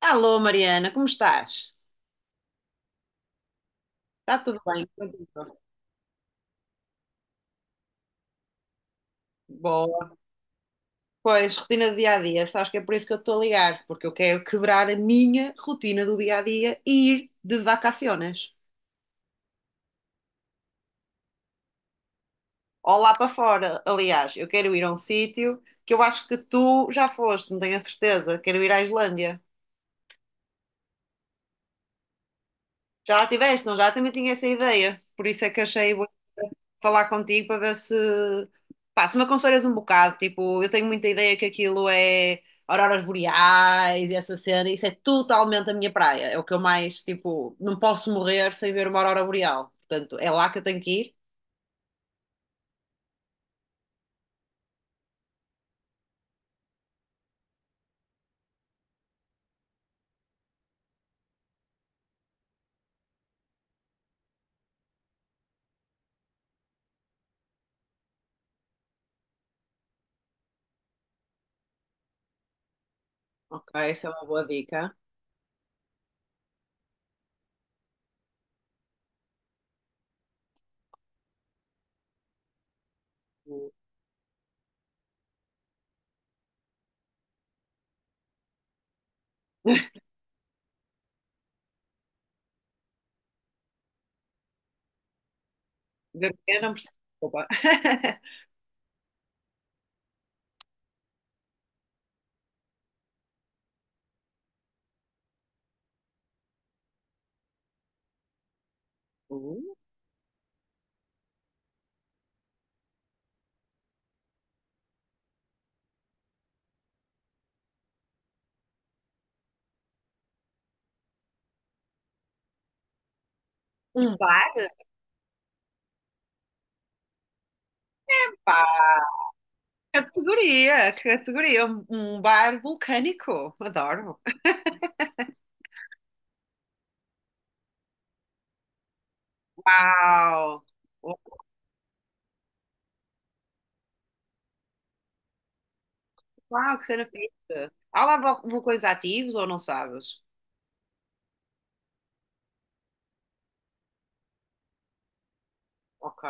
Alô, Mariana, como estás? Está tudo bem? Contigo? Boa. Pois, rotina do dia a dia, sabes que é por isso que eu estou a ligar, porque eu quero quebrar a minha rotina do dia a dia e ir de vacaciones. Ou lá para fora, aliás, eu quero ir a um sítio que eu acho que tu já foste, não tenho a certeza. Quero ir à Islândia. Já lá estiveste, não? Já também tinha essa ideia, por isso é que achei bom falar contigo para ver se, pá, se me aconselhas um bocado. Tipo, eu tenho muita ideia que aquilo é auroras boreais e essa cena, isso é totalmente a minha praia. É o que eu mais, tipo, não posso morrer sem ver uma aurora boreal. Portanto, é lá que eu tenho que ir. Ok, essa é uma boa dica. Ver o quê? Não percebo. Opa. Uh, Um bar? Pá, categoria, categoria. Um bar vulcânico. Adoro. Uau, uau, que cena fixe. Há lá vulcões ativos ou não sabes? Ok,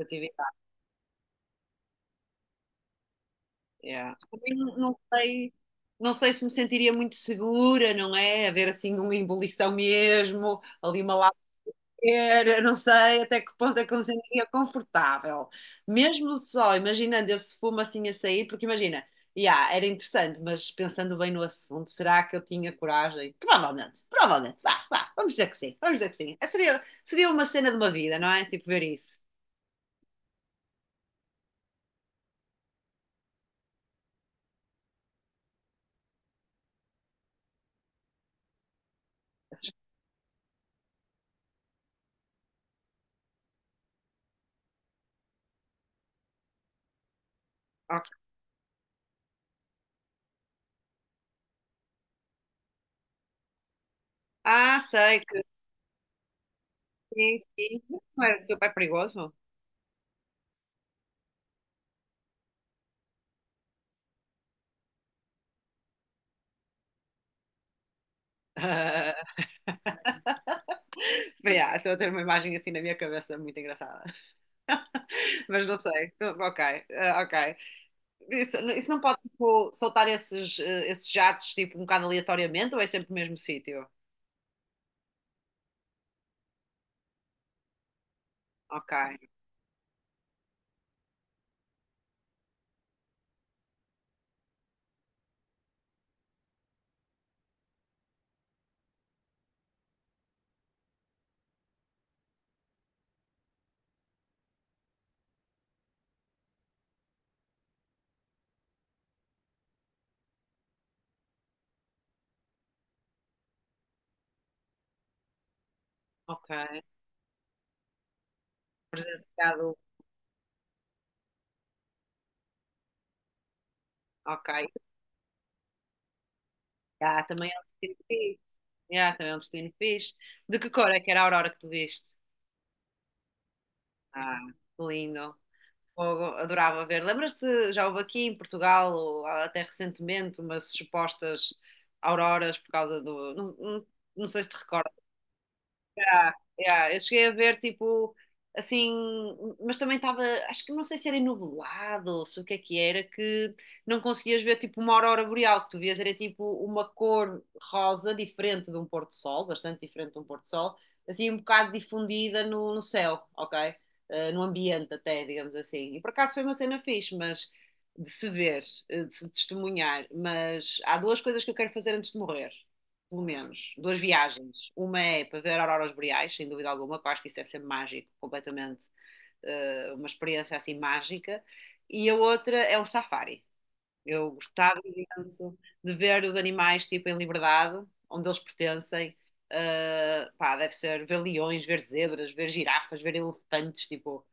atividade. Yeah. Também não, não sei se me sentiria muito segura, não é? Haver assim uma ebulição mesmo, ali uma. Eu não sei até que ponto é que eu me sentia confortável. Mesmo só imaginando esse fumo assim a sair, porque imagina, yeah, era interessante, mas pensando bem no assunto, será que eu tinha coragem? Provavelmente, provavelmente, vá, vá, vamos dizer que sim, vamos dizer que sim. É, seria uma cena de uma vida, não é? Tipo, ver isso. Ok. Ah, sei que sim, sim. Não era super perigoso. Yeah, estou a ter uma imagem assim na minha cabeça muito engraçada, mas não sei. Ok, ah, ok. Isso não pode, tipo, soltar esses jatos, tipo, um bocado aleatoriamente ou é sempre no mesmo sítio? Ok, ok. Presenciado, ok. Ah, também é um destino fixe. Yeah, também é um destino fixe. De que cor é que era a aurora que tu viste? Ah, que lindo. Fogo, adorava ver. Lembras-te, já houve aqui em Portugal, ou até recentemente, umas supostas auroras por causa do. Não, não, não sei se te recordas. Yeah, yeah. Eu cheguei a ver, tipo, assim, mas também estava, acho que não sei se era nublado ou se o que é que era, que não conseguias ver, tipo, uma aurora boreal, que tu vias era, tipo, uma cor rosa diferente de um pôr-do-sol, bastante diferente de um pôr-do-sol, assim, um bocado difundida no céu, ok? No ambiente até, digamos assim. E por acaso foi uma cena fixe, mas de se ver, de se testemunhar, mas há duas coisas que eu quero fazer antes de morrer pelo menos, duas viagens. Uma é para ver auroras boreais, sem dúvida alguma, que eu acho que isso deve ser mágico, completamente, uma experiência assim mágica. E a outra é o safari. Eu gostava imenso de ver os animais tipo em liberdade, onde eles pertencem. Pá, deve ser ver leões, ver zebras, ver girafas, ver elefantes, tipo,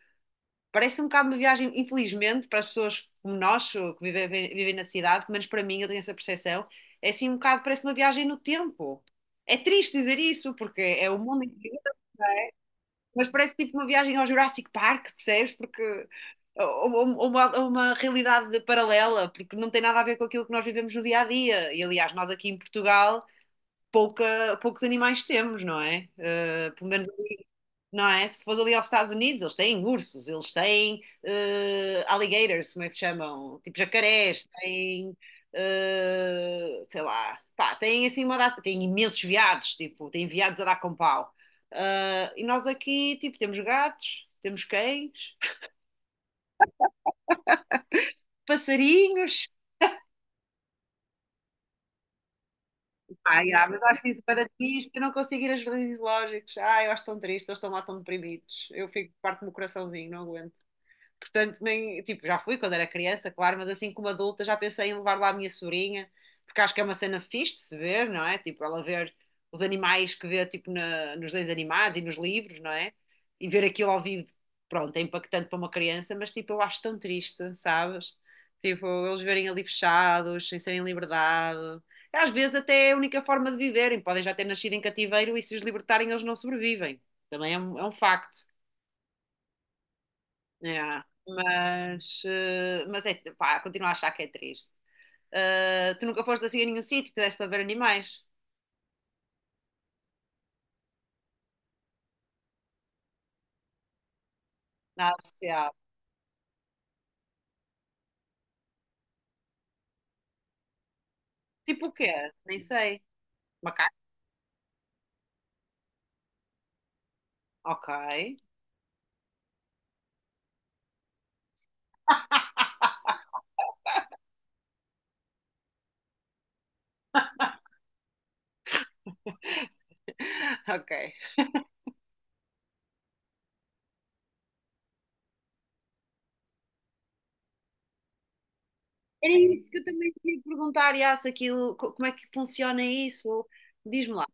parece um bocado uma viagem, infelizmente, para as pessoas como nós, que vivem na cidade, pelo menos para mim, eu tenho essa percepção, é assim um bocado, parece uma viagem no tempo. É triste dizer isso, porque é o mundo inteiro, mas parece tipo uma viagem ao Jurassic Park, percebes? Porque ou uma realidade paralela, porque não tem nada a ver com aquilo que nós vivemos no dia a dia. E aliás, nós aqui em Portugal poucos animais temos, não é? Pelo menos não é? Se fores ali aos Estados Unidos, eles têm ursos, eles têm alligators, como é que se chamam? Tipo jacarés, têm, sei lá, pá, têm assim uma data, têm imensos veados, tipo, têm veados a dar com pau. Ah, e nós aqui, tipo, temos gatos, temos cães, passarinhos. Ai, ah, yeah, mas acho isso para triste, eu não consigo ir a jardins zoológicos. Ai, eu acho tão triste, eles estão lá tão deprimidos. Eu fico, parte do meu coraçãozinho, não aguento. Portanto, nem, tipo, já fui quando era criança, claro, mas assim como adulta já pensei em levar lá a minha sobrinha, porque acho que é uma cena fixe de se ver, não é? Tipo, ela ver os animais que vê, tipo, na, nos desenhos animados e nos livros, não é? E ver aquilo ao vivo, pronto, é impactante para uma criança, mas tipo, eu acho tão triste, sabes? Tipo, eles verem ali fechados, sem serem em liberdade. Às vezes até é a única forma de viverem, podem já ter nascido em cativeiro e se os libertarem eles não sobrevivem. Também é um facto. É, mas, mas é, pá, continuo a achar que é triste. Tu nunca foste assim a nenhum sítio que desse para ver animais na sociedade. Tipo o quê? Nem sei. Macaco? Ok. Ok. Era isso que eu também te ia perguntar, Yas, aquilo, como é que funciona isso? Diz-me lá.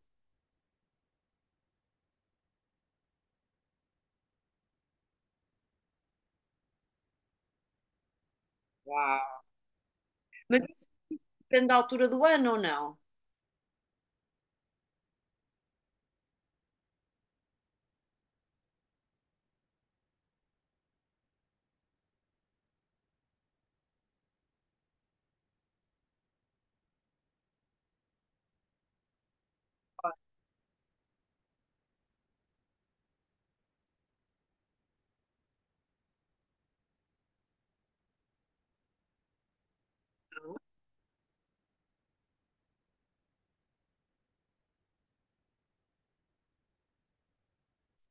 Uau. Mas isso depende da altura do ano ou não?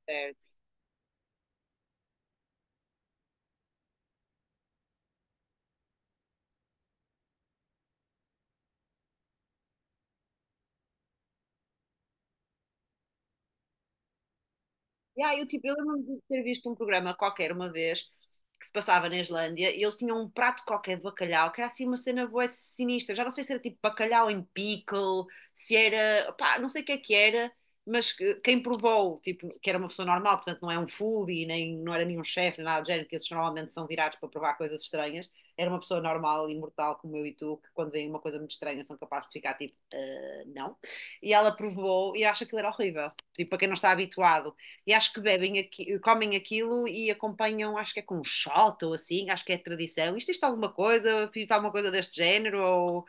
Certo. E aí, tipo, eu lembro-me de ter visto um programa qualquer uma vez que se passava na Islândia e eles tinham um prato qualquer de bacalhau que era assim uma cena boa sinistra. Já não sei se era tipo bacalhau em pickle, se era, pá, não sei o que é que era, mas quem provou, tipo, que era uma pessoa normal, portanto não é um foodie, nem não era nenhum chefe, nem nada do género, que esses normalmente são virados para provar coisas estranhas. Era uma pessoa normal e mortal como eu e tu, que quando vem uma coisa muito estranha são capazes de ficar tipo, "Ah, não." E ela provou e acha que aquilo era horrível. Tipo, para quem não está habituado. E acho que bebem aqui, comem aquilo e acompanham, acho que é com um shot ou assim, acho que é tradição. Isto alguma coisa, fiz alguma coisa deste género, ou,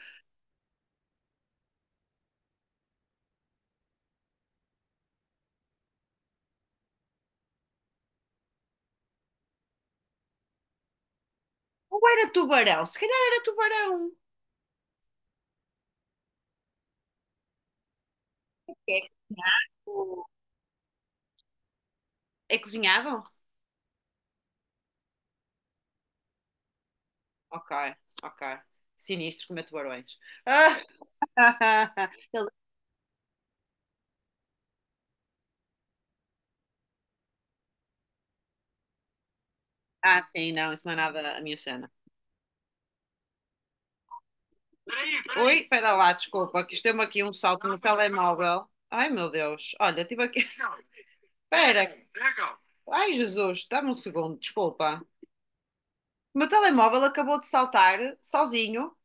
ou era tubarão, se calhar era tubarão. É cozinhado? É cozinhado? Ok, ok. Sinistro comer tubarões. Ah, Ele- ah, sim, não, isso não é nada a minha cena. Oi, espera lá, desculpa, que isto deu-me aqui um salto no telemóvel. Ai meu Deus, olha, tive aqui. Espera. Legal. Ai, Jesus, dá-me um segundo, desculpa. O meu telemóvel acabou de saltar sozinho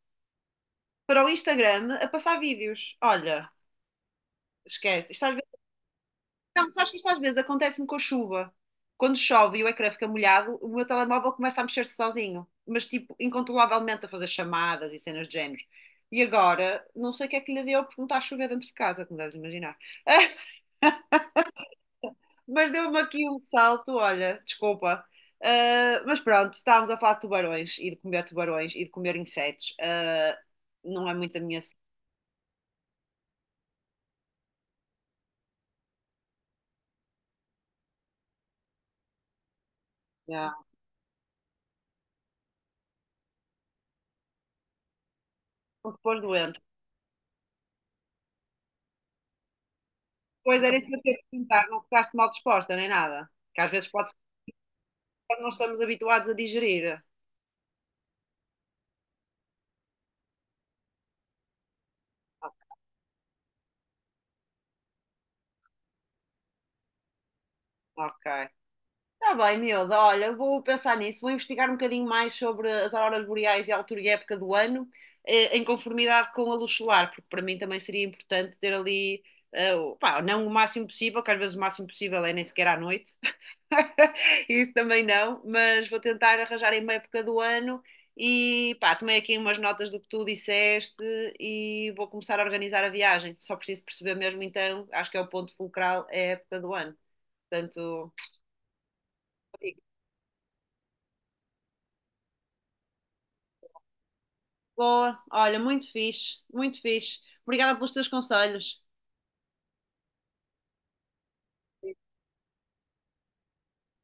para o Instagram a passar vídeos. Olha, esquece. Isto às vezes. Não, sabes que isto às vezes acontece-me com a chuva. Quando chove e o ecrã fica molhado, o meu telemóvel começa a mexer-se sozinho, mas tipo, incontrolavelmente a fazer chamadas e cenas de género. E agora, não sei o que é que lhe deu porque não está a chover dentro de casa, como deves imaginar. Mas deu-me aqui um salto, olha, desculpa. Ah, mas pronto, estávamos a falar de tubarões e de comer tubarões e de comer insetos. Ah, não é muito a minha cena. Porque depois doente. Pois era isso que eu tinha de perguntar, não ficaste mal disposta nem nada. Que às vezes pode ser que não estamos habituados a digerir. Ah, ok. Está bem, miúda. Olha, eu vou pensar nisso, vou investigar um bocadinho mais sobre as auroras boreais e a altura e época do ano, em conformidade com a luz solar, porque para mim também seria importante ter ali, pá, não o máximo possível, que às vezes o máximo possível é nem sequer à noite, isso também não, mas vou tentar arranjar em uma época do ano e, pá, tomei aqui umas notas do que tu disseste e vou começar a organizar a viagem. Só preciso perceber mesmo então, acho que é o ponto fulcral, é a época do ano. Portanto, boa, olha, muito fixe, muito fixe. Obrigada pelos teus conselhos.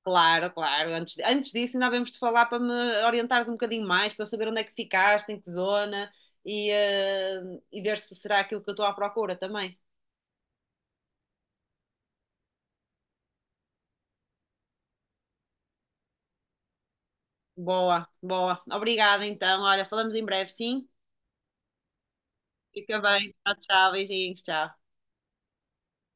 Claro, claro. Antes disso, ainda havemos de falar para me orientares um bocadinho mais, para eu saber onde é que ficaste, em que zona e, e ver se será aquilo que eu estou à procura também. Boa, boa. Obrigada então. Olha, falamos em breve, sim? Fica bem. Tchau, tchau. Beijinhos, tchau.